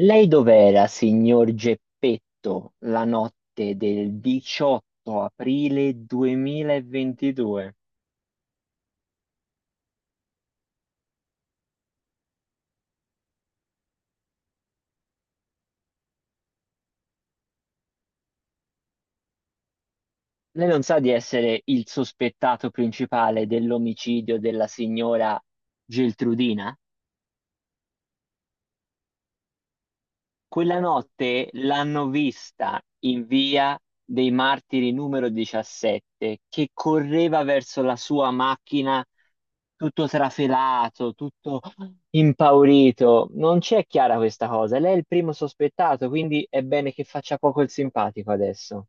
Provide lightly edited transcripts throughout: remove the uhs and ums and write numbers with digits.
Lei dov'era, signor Geppetto, la notte del 18 aprile 2022? Lei non sa di essere il sospettato principale dell'omicidio della signora Geltrudina? Quella notte l'hanno vista in via dei Martiri numero 17, che correva verso la sua macchina tutto trafelato, tutto impaurito. Non c'è chiara questa cosa. Lei è il primo sospettato, quindi è bene che faccia poco il simpatico adesso.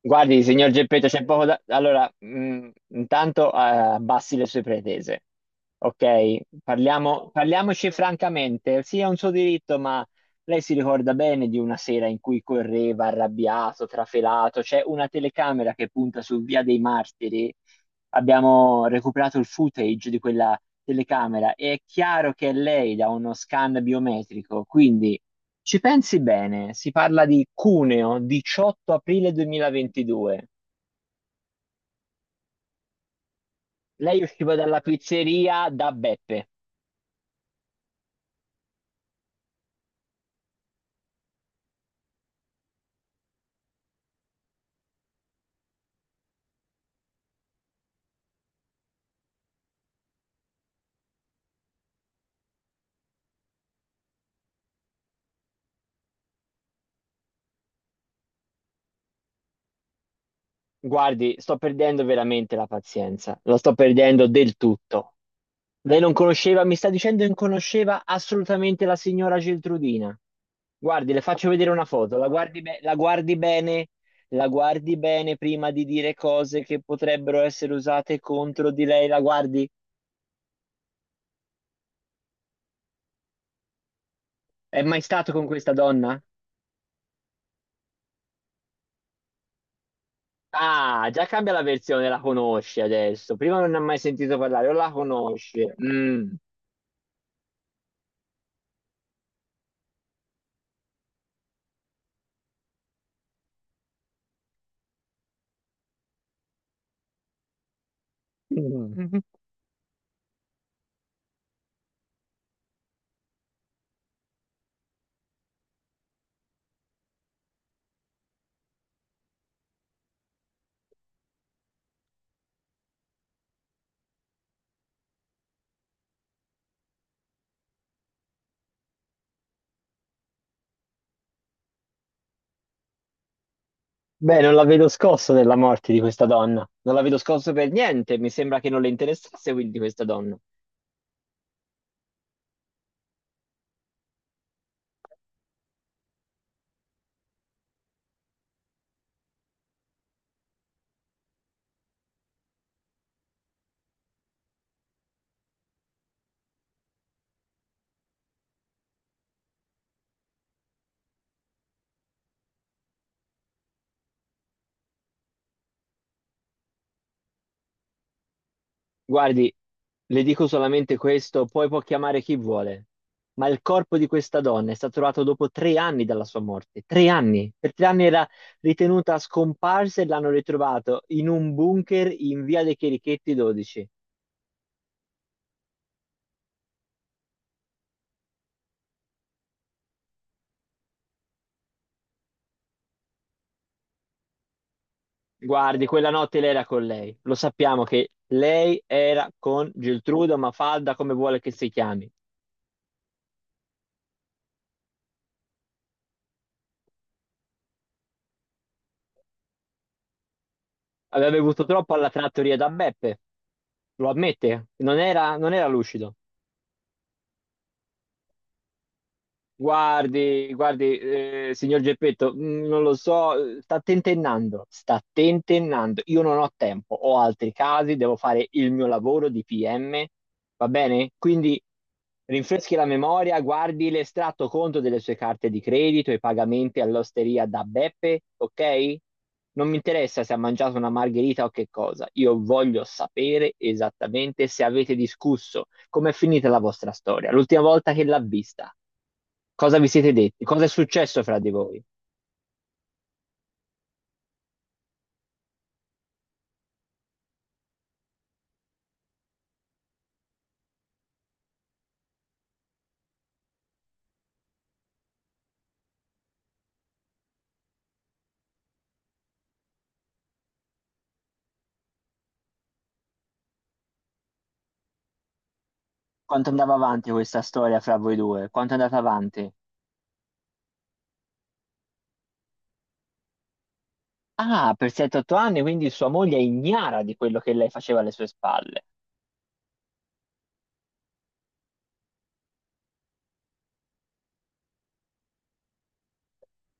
Guardi, signor Geppetto, c'è poco da... Allora, intanto abbassi le sue pretese, ok? Parliamo, parliamoci francamente. Sì, è un suo diritto, ma lei si ricorda bene di una sera in cui correva arrabbiato, trafelato. C'è una telecamera che punta su Via dei Martiri. Abbiamo recuperato il footage di quella telecamera e è chiaro che è lei da uno scan biometrico, quindi... Ci pensi bene, si parla di Cuneo, 18 aprile 2022. Lei usciva dalla pizzeria da Beppe. Guardi, sto perdendo veramente la pazienza, lo sto perdendo del tutto. Lei non conosceva, mi sta dicendo che non conosceva assolutamente la signora Geltrudina. Guardi, le faccio vedere una foto, la guardi, la guardi bene prima di dire cose che potrebbero essere usate contro di lei, la guardi. È mai stato con questa donna? Ah, già cambia la versione, la conosci adesso. Prima non ne ha mai sentito parlare, o la conosce. Mm. Mm. Beh, non la vedo scosso nella morte di questa donna. Non la vedo scosso per niente. Mi sembra che non le interessasse quindi di questa donna. Guardi, le dico solamente questo, poi può chiamare chi vuole. Ma il corpo di questa donna è stato trovato dopo 3 anni dalla sua morte. 3 anni. Per 3 anni era ritenuta scomparsa e l'hanno ritrovato in un bunker in via dei Cherichetti 12. Guardi, quella notte lei era con lei. Lo sappiamo che lei era con Geltrude o Mafalda, come vuole che si chiami. Aveva bevuto troppo alla trattoria da Beppe, lo ammette, non era, non era lucido. Guardi, guardi, signor Geppetto, non lo so, sta tentennando, sta tentennando. Io non ho tempo, ho altri casi, devo fare il mio lavoro di PM, va bene? Quindi rinfreschi la memoria, guardi l'estratto conto delle sue carte di credito, i pagamenti all'osteria da Beppe, ok? Non mi interessa se ha mangiato una margherita o che cosa, io voglio sapere esattamente se avete discusso, com'è finita la vostra storia, l'ultima volta che l'ha vista. Cosa vi siete detti? Cosa è successo fra di voi? Quanto andava avanti questa storia fra voi due? Quanto è andata avanti? Ah, per 7-8 anni, quindi sua moglie è ignara di quello che lei faceva alle sue spalle.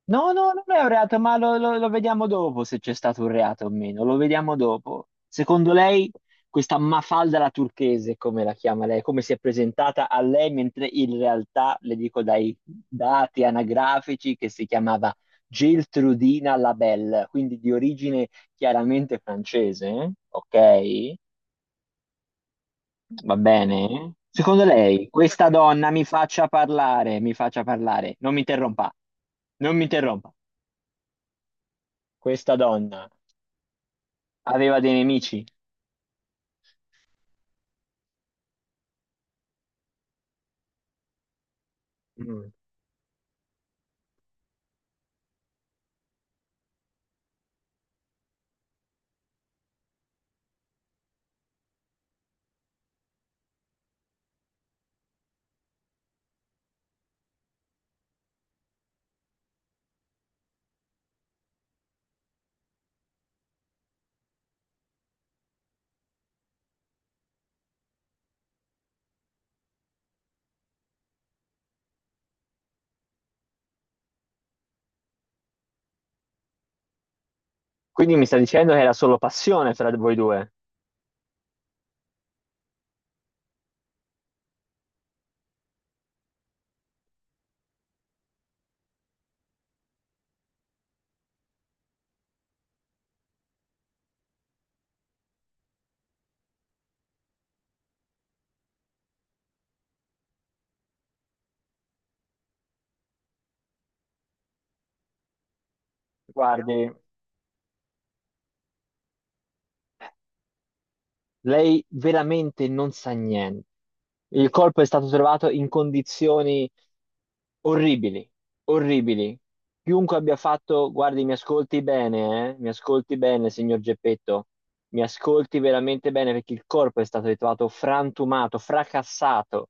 No, no, non è un reato, ma lo vediamo dopo se c'è stato un reato o meno. Lo vediamo dopo. Secondo lei, questa Mafalda la turchese, come la chiama lei, come si è presentata a lei, mentre in realtà, le dico dai dati anagrafici, che si chiamava Geltrudina Labelle, quindi di origine chiaramente francese, ok? Va bene? Secondo lei, questa donna mi faccia parlare, non mi interrompa, non mi interrompa. Questa donna aveva dei nemici. Mm. Quindi mi sta dicendo che era solo passione fra voi due. Io- Guardi, lei veramente non sa niente. Il corpo è stato trovato in condizioni orribili, orribili. Chiunque abbia fatto, guardi, mi ascolti bene, eh? Mi ascolti bene, signor Geppetto. Mi ascolti veramente bene perché il corpo è stato ritrovato frantumato, fracassato.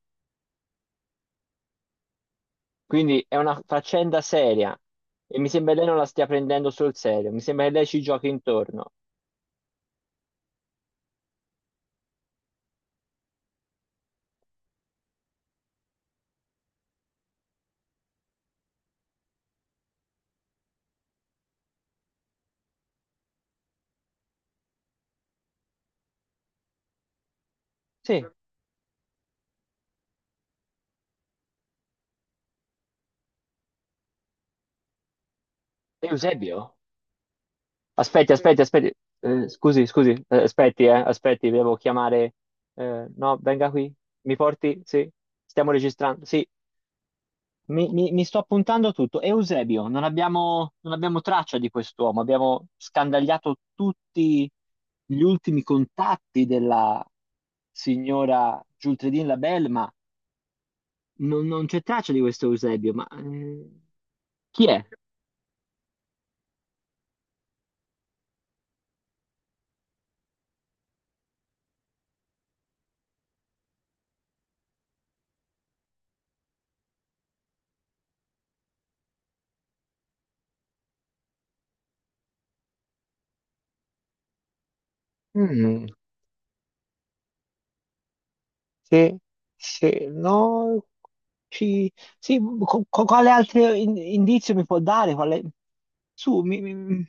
Quindi è una faccenda seria e mi sembra che lei non la stia prendendo sul serio. Mi sembra che lei ci giochi intorno. Sì, Eusebio. Aspetti, aspetti, aspetti. Scusi, scusi, aspetti, aspetti, devo chiamare. No, venga qui. Mi porti? Sì, stiamo registrando. Sì, mi sto appuntando tutto. Eusebio, non abbiamo traccia di quest'uomo. Abbiamo scandagliato tutti gli ultimi contatti della signora Giultredin Labelle, ma non c'è traccia di questo Eusebio. Ma chi è? Mm. Sì, sì, no. Ci- sì, quale altro indizio mi può dare? Quale- Su,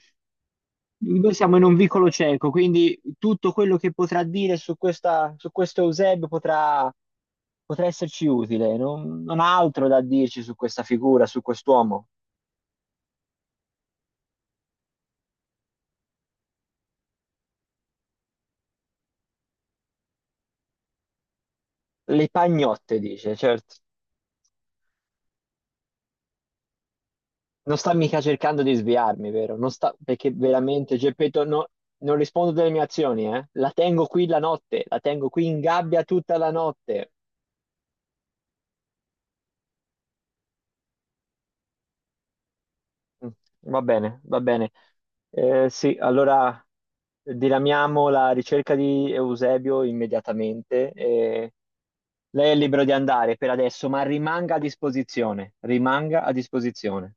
noi siamo in un vicolo cieco, quindi tutto quello che potrà dire su questa, su questo Eusebio potrà, potrà esserci utile. Non ha altro da dirci su questa figura, su quest'uomo. Le pagnotte, dice, certo. Non sta mica cercando di sviarmi, vero? Non sta, perché veramente, Geppetto, non rispondo delle mie azioni, eh? La tengo qui la notte, la tengo qui in gabbia tutta la notte. Mm. Va bene, va bene. Sì, allora diramiamo la ricerca di Eusebio immediatamente. E lei è libero di andare per adesso, ma rimanga a disposizione. Rimanga a disposizione.